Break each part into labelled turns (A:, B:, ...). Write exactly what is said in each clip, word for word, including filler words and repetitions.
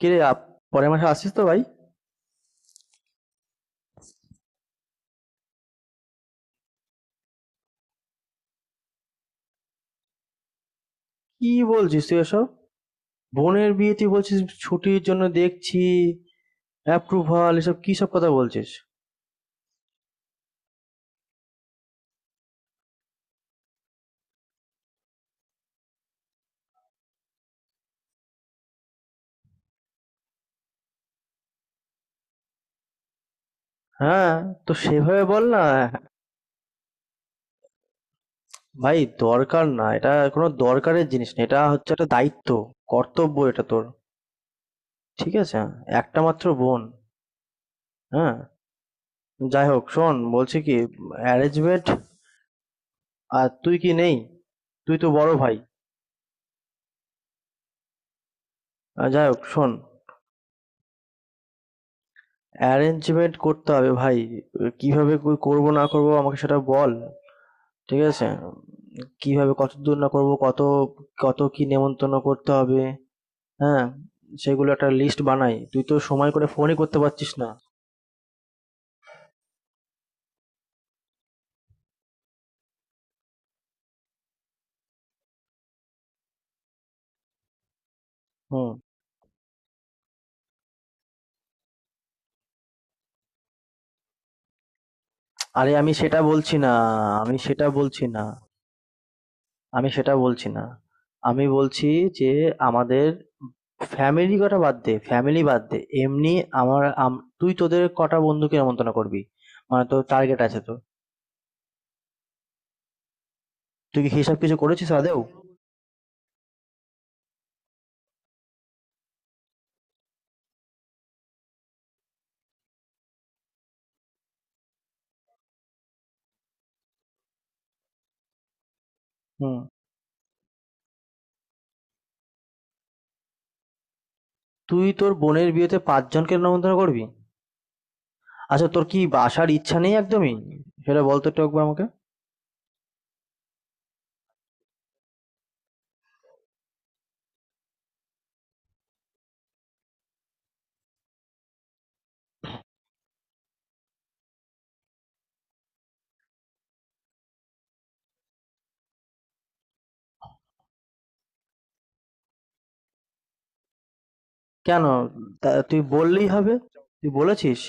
A: কিরে আপ, পরের মাসে আসছিস তো ভাই? কি বলছিস তুই এসব? বোনের বিয়ে, তুই বলছিস ছুটির জন্য দেখছি, অ্যাপ্রুভাল, এসব কি সব কথা বলছিস? হ্যাঁ, তো সেভাবে বল না। ভাই, দরকার না, এটা কোনো দরকারের জিনিস না, এটা হচ্ছে একটা দায়িত্ব, কর্তব্য এটা তোর। ঠিক আছে, একটা মাত্র বোন। হ্যাঁ, যাই হোক, শোন বলছি কি, অ্যারেঞ্জমেন্ট। আর তুই কি নেই? তুই তো বড় ভাই। আর যাই হোক শোন, অ্যারেঞ্জমেন্ট করতে হবে ভাই। কিভাবে ক- করব না করব আমাকে সেটা বল। ঠিক আছে, কিভাবে কত দূর না করব, কত কত কি নেমন্তন্ন করতে হবে। হ্যাঁ, সেগুলো একটা লিস্ট বানাই, তুই তো সময় করে ফোনই করতে পারছিস না। হুম। আরে, আমি সেটা বলছি না, আমি সেটা বলছি না আমি সেটা বলছি না আমি বলছি যে আমাদের ফ্যামিলি, কথা বাদ দে, ফ্যামিলি বাদ দে, এমনি আমার আম- তুই তোদের কটা বন্ধুকে নেমন্তন্ন করবি? মানে তোর টার্গেট আছে তো? তুই কি হিসাব কিছু করেছিস আদেও? হুম, তুই তোর বোনের বিয়েতে পাঁচজনকে নেমন্তন্ন করবি? আচ্ছা, তোর কি আসার ইচ্ছা নেই একদমই? সেটা বলতো একটু একবার আমাকে। কেন, তা তুই বললেই হবে? তুই বলেছিস?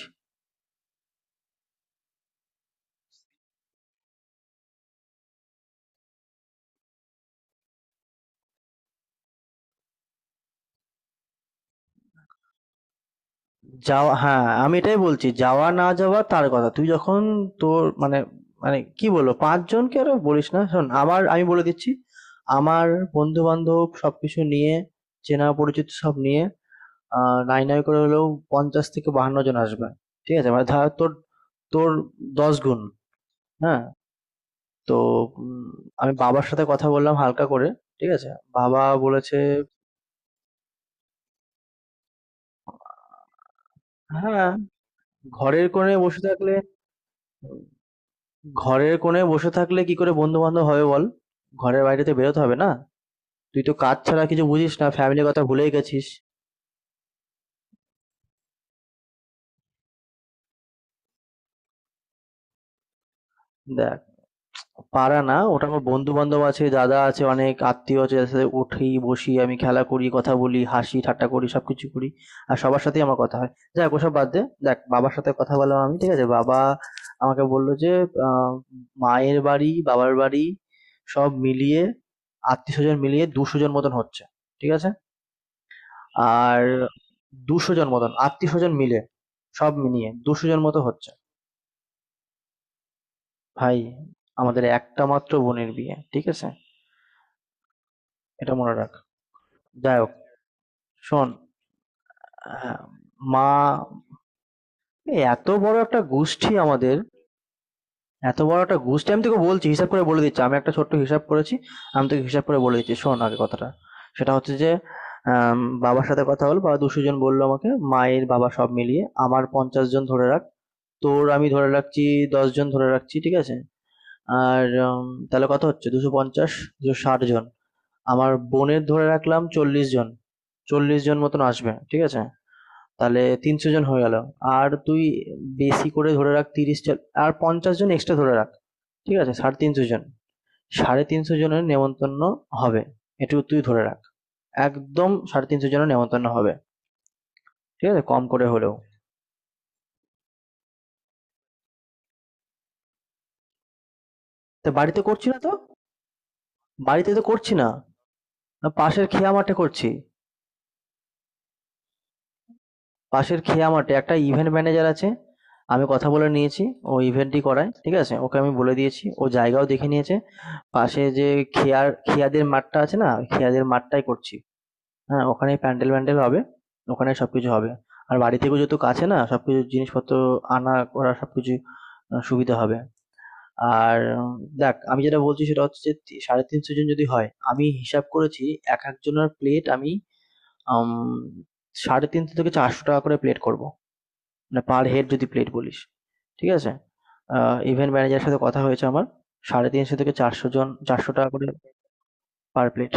A: যাওয়া, হ্যাঁ আমি এটাই বলছি, যাওয়া না যাওয়া তার কথা তুই যখন তোর মানে, মানে কি বলবো, পাঁচজনকে আরো বলিস না। শোন, আমার, আমি বলে দিচ্ছি আমার বন্ধু বান্ধব সবকিছু নিয়ে, চেনা পরিচিত সব নিয়ে, আহ নাই নাই করে হলেও পঞ্চাশ থেকে বাহান্ন জন আসবে। ঠিক আছে, মানে ধর তোর তোর দশ গুণ। হ্যাঁ, তো উম, আমি বাবার সাথে কথা বললাম হালকা করে। ঠিক আছে, বাবা বলেছে। হ্যাঁ, ঘরের কোণে বসে থাকলে, ঘরের কোণে বসে থাকলে কি করে বন্ধু বান্ধব হবে বল? ঘরের বাইরে তো বেরোতে হবে না? তুই তো কাজ ছাড়া কিছু বুঝিস না, ফ্যামিলির কথা ভুলেই গেছিস। দেখ, পাড়া না, ওটা আমার বন্ধু বান্ধব আছে, দাদা আছে, অনেক আত্মীয় আছে, যাদের সাথে উঠি বসি, আমি খেলা করি, কথা বলি, হাসি ঠাট্টা করি, সবকিছু করি। আর সবার সাথেই আমার কথা হয়। যাক, ওসব বাদ দে। দেখ, বাবার সাথে কথা বললাম আমি, ঠিক আছে? বাবা আমাকে বললো যে আহ, মায়ের বাড়ি, বাবার বাড়ি, সব মিলিয়ে আত্মীয় স্বজন মিলিয়ে দুশো জন মতন হচ্ছে। ঠিক আছে? আর দুশো জন মতন আত্মীয় স্বজন মিলে সব মিলিয়ে দুশো জন মতো হচ্ছে। ভাই, আমাদের একটা মাত্র বোনের বিয়ে, ঠিক আছে? এটা মনে রাখ। যাই হোক, শোন, আহ, মা, এত বড় একটা গোষ্ঠী আমাদের, এত বড় একটা গোষ্ঠী, আমি তোকে বলছি হিসাব করে বলে দিচ্ছি, আমি একটা ছোট্ট হিসাব করেছি। আমি তোকে হিসাব করে বলে দিচ্ছি, শোন আগে কথাটা। সেটা হচ্ছে যে আম, বাবার সাথে কথা হলো, বাবা দুশো জন বললো আমাকে। মায়ের বাবা সব মিলিয়ে আমার পঞ্চাশ জন ধরে রাখ। তোর আমি ধরে রাখছি দশ জন ধরে রাখছি, ঠিক আছে? আর উম, তাহলে কত হচ্ছে, দুশো পঞ্চাশ, দুশো ষাট জন। আমার বোনের ধরে রাখলাম চল্লিশ জন, চল্লিশ জন মতন আসবে, ঠিক আছে? তাহলে তিনশো জন হয়ে গেল। আর তুই, বেশি করে ধরে রাখ তিরিশ জন। আর পঞ্চাশ জন এক্সট্রা ধরে রাখ। ঠিক আছে, সাড়ে তিনশো জন, সাড়ে তিনশো জনের নেমন্তন্ন হবে। এটুকু তুই ধরে রাখ, একদম সাড়ে তিনশো জনের নেমন্তন্ন হবে। ঠিক আছে, কম করে হলেও। তা বাড়িতে করছি না তো, বাড়িতে তো করছি না, না পাশের খেয়া মাঠে করছি। পাশের খেয়া মাঠে একটা ইভেন্ট ম্যানেজার আছে। আমি কথা বলে নিয়েছি। ও ইভেন্টটি করায়। ঠিক আছে? ওকে আমি বলে দিয়েছি। ও জায়গাও দেখে নিয়েছে। পাশে যে খেয়ার খেয়াদের মাঠটা আছে না? ওই খেয়াদের মাঠটাই করছি। হ্যাঁ, ওখানেই প্যান্ডেল ম্যান্ডেল হবে। ওখানে সবকিছু হবে। আর বাড়ি থেকেও যেহেতু কাছে, না সবকিছু জিনিসপত্র আনা করা সবকিছু আ সুবিধা হবে। আর উম, দেখ আমি যেটা বলছি সেটা হচ্ছে যে তি সাড়ে তিনশো জন যদি হয়, আমি হিসাব করেছি এক একজনের প্লেট আমি আম ৳সাড়ে তিনশো টাকা থেকে ৳চারশো টাকা করে প্লেট করব। মানে পার হেড যদি প্লেট বলিস। ঠিক আছে, ইভেন্ট ম্যানেজারের সাথে কথা হয়েছে আমার, সাড়ে তিনশো থেকে চারশো জন, চারশো টাকা করে পার প্লেট।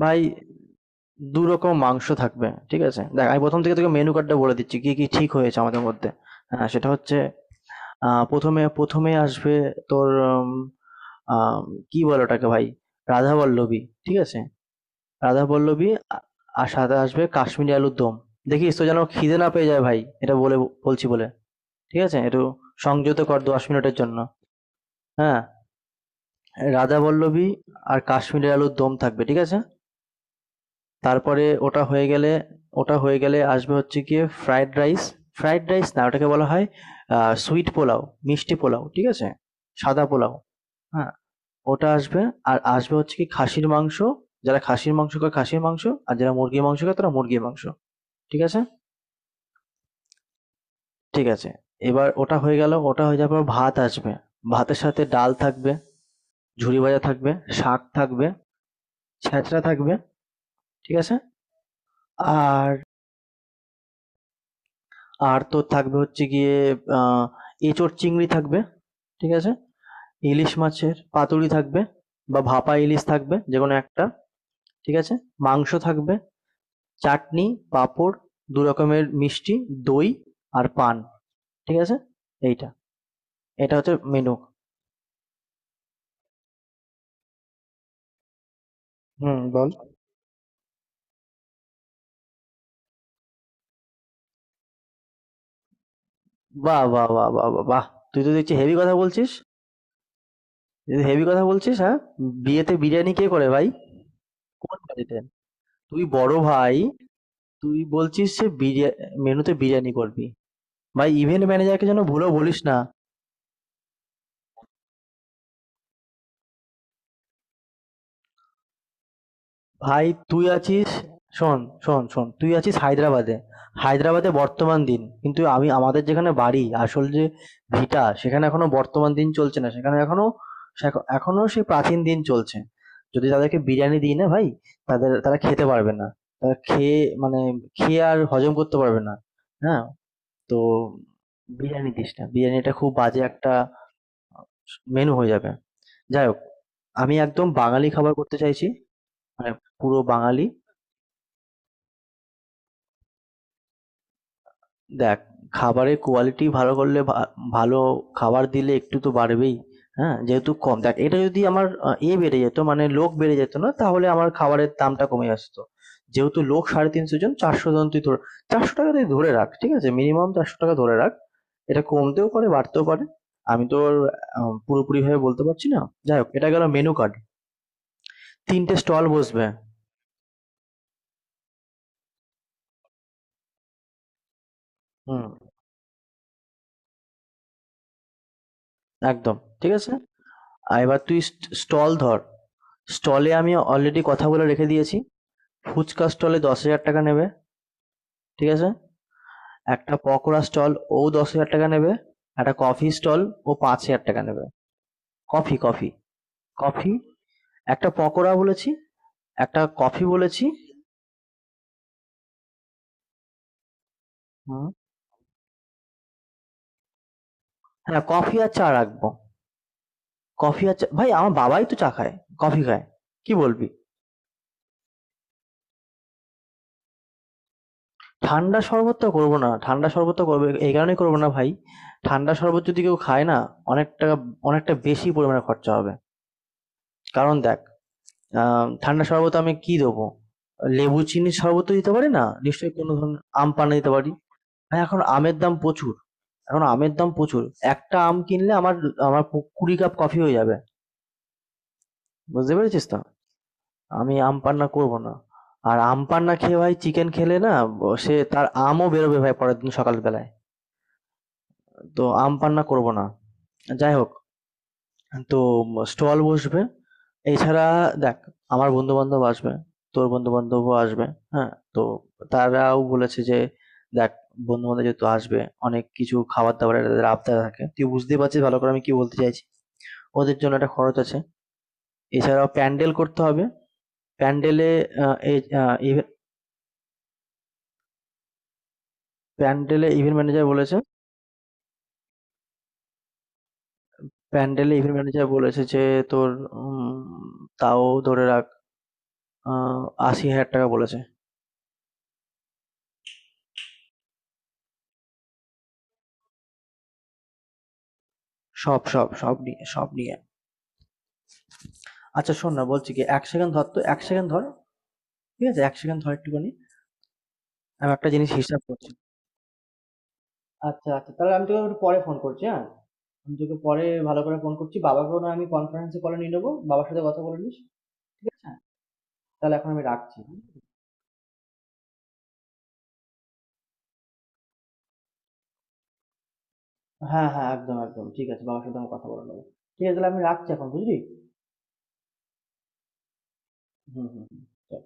A: ভাই, দু রকম মাংস থাকবে, ঠিক আছে? দেখ, আমি প্রথম থেকে তোকে মেনু কার্ডটা বলে দিচ্ছি কি কি ঠিক হয়েছে আমাদের মধ্যে। হ্যাঁ, সেটা হচ্ছে আহ, প্রথমে প্রথমে আসবে তোর উম, আম, কি বলে ওটাকে ভাই, রাধা পল্লবী। ঠিক আছে, রাধা পল্লবী। আ- আর সাথে আসবে কাশ্মীরি আলুর দম। দেখিস তো যেন খিদে না পেয়ে যায় ভাই, এটা বলে বলছি বলে। ঠিক আছে, একটু সংযত কর দশ মিনিটের জন্য। হ্যাঁ, রাধা বল্লভী আর কাশ্মীরের আলুর দম থাকবে, ঠিক আছে? তারপরে ওটা হয়ে গেলে, ওটা হয়ে গেলে আসবে হচ্ছে গিয়ে ফ্রাইড রাইস। ফ্রাইড রাইস না, ওটাকে বলা হয় সুইট পোলাও, মিষ্টি পোলাও, ঠিক আছে, সাদা পোলাও। হ্যাঁ, ওটা আসবে। আর আসবে হচ্ছে কি, খাসির মাংস। যারা খাসির মাংস খায়, খাসির মাংস, আর যারা মুরগির মাংস খায় তারা মুরগির মাংস। ঠিক আছে। ঠিক আছে, এবার ওটা হয়ে গেল, ওটা হয়ে যাওয়ার পর ভাত আসবে। ভাতের সাথে ডাল থাকবে, ঝুরি ভাজা থাকবে, শাক থাকবে, ছেঁচড়া থাকবে, ঠিক আছে? আর, আর তো থাকবে হচ্ছে গিয়ে আহ, এঁচোড় চিংড়ি থাকবে, ঠিক আছে? ইলিশ মাছের পাতুরি থাকবে বা ভাপা ইলিশ থাকবে, যে কোনো একটা, ঠিক আছে? মাংস থাকবে, চাটনি, পাঁপড়, দু রকমের মিষ্টি, দই আর পান। ঠিক আছে, এইটা, এটা হচ্ছে মেনু। হুম, বল। বাহ বাহ বাহ বাহ বাহ বাহ, তুই তো দেখছি হেভি কথা বলছিস, হেভি কথা বলছিস, হ্যাঁ! বিয়েতে বিরিয়ানি কে করে ভাই, কোন বাড়িতে? তুই বড় ভাই, তুই বলছিস যে বিরিয়া- মেনুতে বিরিয়ানি করবি? ভাই, ইভেন্ট ম্যানেজারকে যেন ভুলো বলিস না। ভাই তুই আছিস, শোন, শোন শোন তুই আছিস হায়দ্রাবাদে। হায়দ্রাবাদে বর্তমান দিন, কিন্তু আমি আমাদের যেখানে বাড়ি, আসল যে ভিটা, সেখানে এখনো বর্তমান দিন চলছে না, সেখানে এখনো, সেখ- এখনো সেই প্রাচীন দিন চলছে। যদি তাদেরকে বিরিয়ানি দিই না ভাই, তাদের তারা খেতে পারবে না, তারা খেয়ে, মানে খেয়ে আর হজম করতে পারবে না। হ্যাঁ, তো বিরিয়ানি দিস না। বিরিয়ানিটা খুব বাজে একটা মেনু হয়ে যাবে। যাই হোক, আমি একদম বাঙালি খাবার করতে চাইছি। মানে পুরো বাঙালি। দেখ, খাবারের কোয়ালিটি ভালো করলে ভা ভালো খাবার দিলে একটু তো বাড়বেই। হ্যাঁ, যেহেতু কম, দেখ এটা যদি আমার আহ, এ বেড়ে যেত, মানে লোক বেড়ে যেত না, তাহলে আমার খাবারের দামটা কমে আসতো। যেহেতু লোক সাড়ে তিনশো জন চারশো জন তুই ধর, চারশো টাকা তুই ধরে রাখ, ঠিক আছে? মিনিমাম চারশো টাকা ধরে রাখ, এটা কমতেও পারে বাড়তেও পারে। আমি তো আহ, পুরোপুরিভাবে বলতে পারছি না। যাই হোক, এটা গেল মেনু কার্ড। তিনটে স্টল বসবে। হুম, একদম ঠিক আছে। আর এবার তুই স্টল ধর। স্টলে আমি অলরেডি কথা বলে রেখে দিয়েছি। ফুচকা স্টলে দশ হাজার টাকা নেবে, ঠিক আছে? একটা পকোড়া স্টল, ও দশ হাজার টাকা নেবে। একটা কফি স্টল, ও পাঁচ হাজার টাকা নেবে। কফি, কফি, কফি, একটা পকোড়া বলেছি, একটা কফি বলেছি। হুম, হ্যাঁ কফি আর চা রাখবো। কফি আর চা, ভাই আমার বাবাই তো চা খায়, কফি খায়, কি বলবি? ঠান্ডা শরবতটা করবো না। ঠান্ডা শরবতটা করবো এই কারণেই করবো না ভাই, ঠান্ডা শরবত যদি কেউ খায় না, অনেক টাকা, অনেকটা বেশি পরিমাণে খরচা হবে। কারণ দেখ, আ ঠান্ডা শরবতে আমি কি দেবো? লেবু চিনির শরবত তো দিতে পারি না। নিশ্চয়ই কোনো ধরনের আম পান্না দিতে পারি। ভাই, এখন আমের দাম প্রচুর। এখন আমের দাম প্রচুর। একটা আম কিনলে আমার, আমার কু কুড়ি কাপ কফি হয়ে যাবে। বুঝতে পেরেছিস তো? আমি আম পান্না করবো না। আর আম পান্না খেয়ে ভাই চিকেন খেলে না, ব সে তার আমও বেরোবে ভাই পরের দিন সকাল বেলায়। তো আম পান্না করবো না। যাই হোক, তো স্টল বসবে। এছাড়া, দেখ আমার বন্ধু-বান্ধব আসবে, তোর বন্ধু-বান্ধবও আসবে। হ্যাঁ? তো তারাও বলেছে যে, "দেখ বন্ধু-বান্ধব যেহেতু আসবে, অনেক কিছু খাবার-দাবারের তাদের আবদার থাকে।" তুই বুঝতেই পারছিস ভালো করে আমি কি বলতে চাইছি। ওদের জন্য একটা খরচ আছে। এছাড়াও প্যান্ডেল করতে হবে। প্যান্ডেলে আ এই আ ইভে প্যান্ডেলে ইভেন্ট ম্যানেজার বলেছে, প্যান্ডেলে ইভেন্ট ম্যানেজার বলেছে যে তোর উম তাও ধরে রাখ, আহ, আশি হাজার টাকা বলেছে। সব সব সব নিয়ে, সব নিয়ে। আচ্ছা শোন না, বলছি কি, এক সেকেন্ড ধর তো, এক সেকেন্ড ধর ঠিক আছে এক সেকেন্ড ধর একটুখানি, আমি একটা জিনিস হিসাব করছি। আচ্ছা আচ্ছা, তাহলে আমি তোকে একটু পরে ফোন করছি, হ্যাঁ। আমি তোকে পরে ভালো করে ফোন করছি, বাবাকেও না আমি কনফারেন্সে কলে নিয়ে নেবো, বাবার সাথে কথা বলে নিস। ঠিক আছে, তাহলে এখন আমি রাখছি। হ্যাঁ হ্যাঁ, একদম একদম ঠিক আছে, বাবার সাথে আমি কথা বলে নেবো। ঠিক আছে, তাহলে আমি রাখছি এখন, বুঝলি? হুম হুম হুম, চল।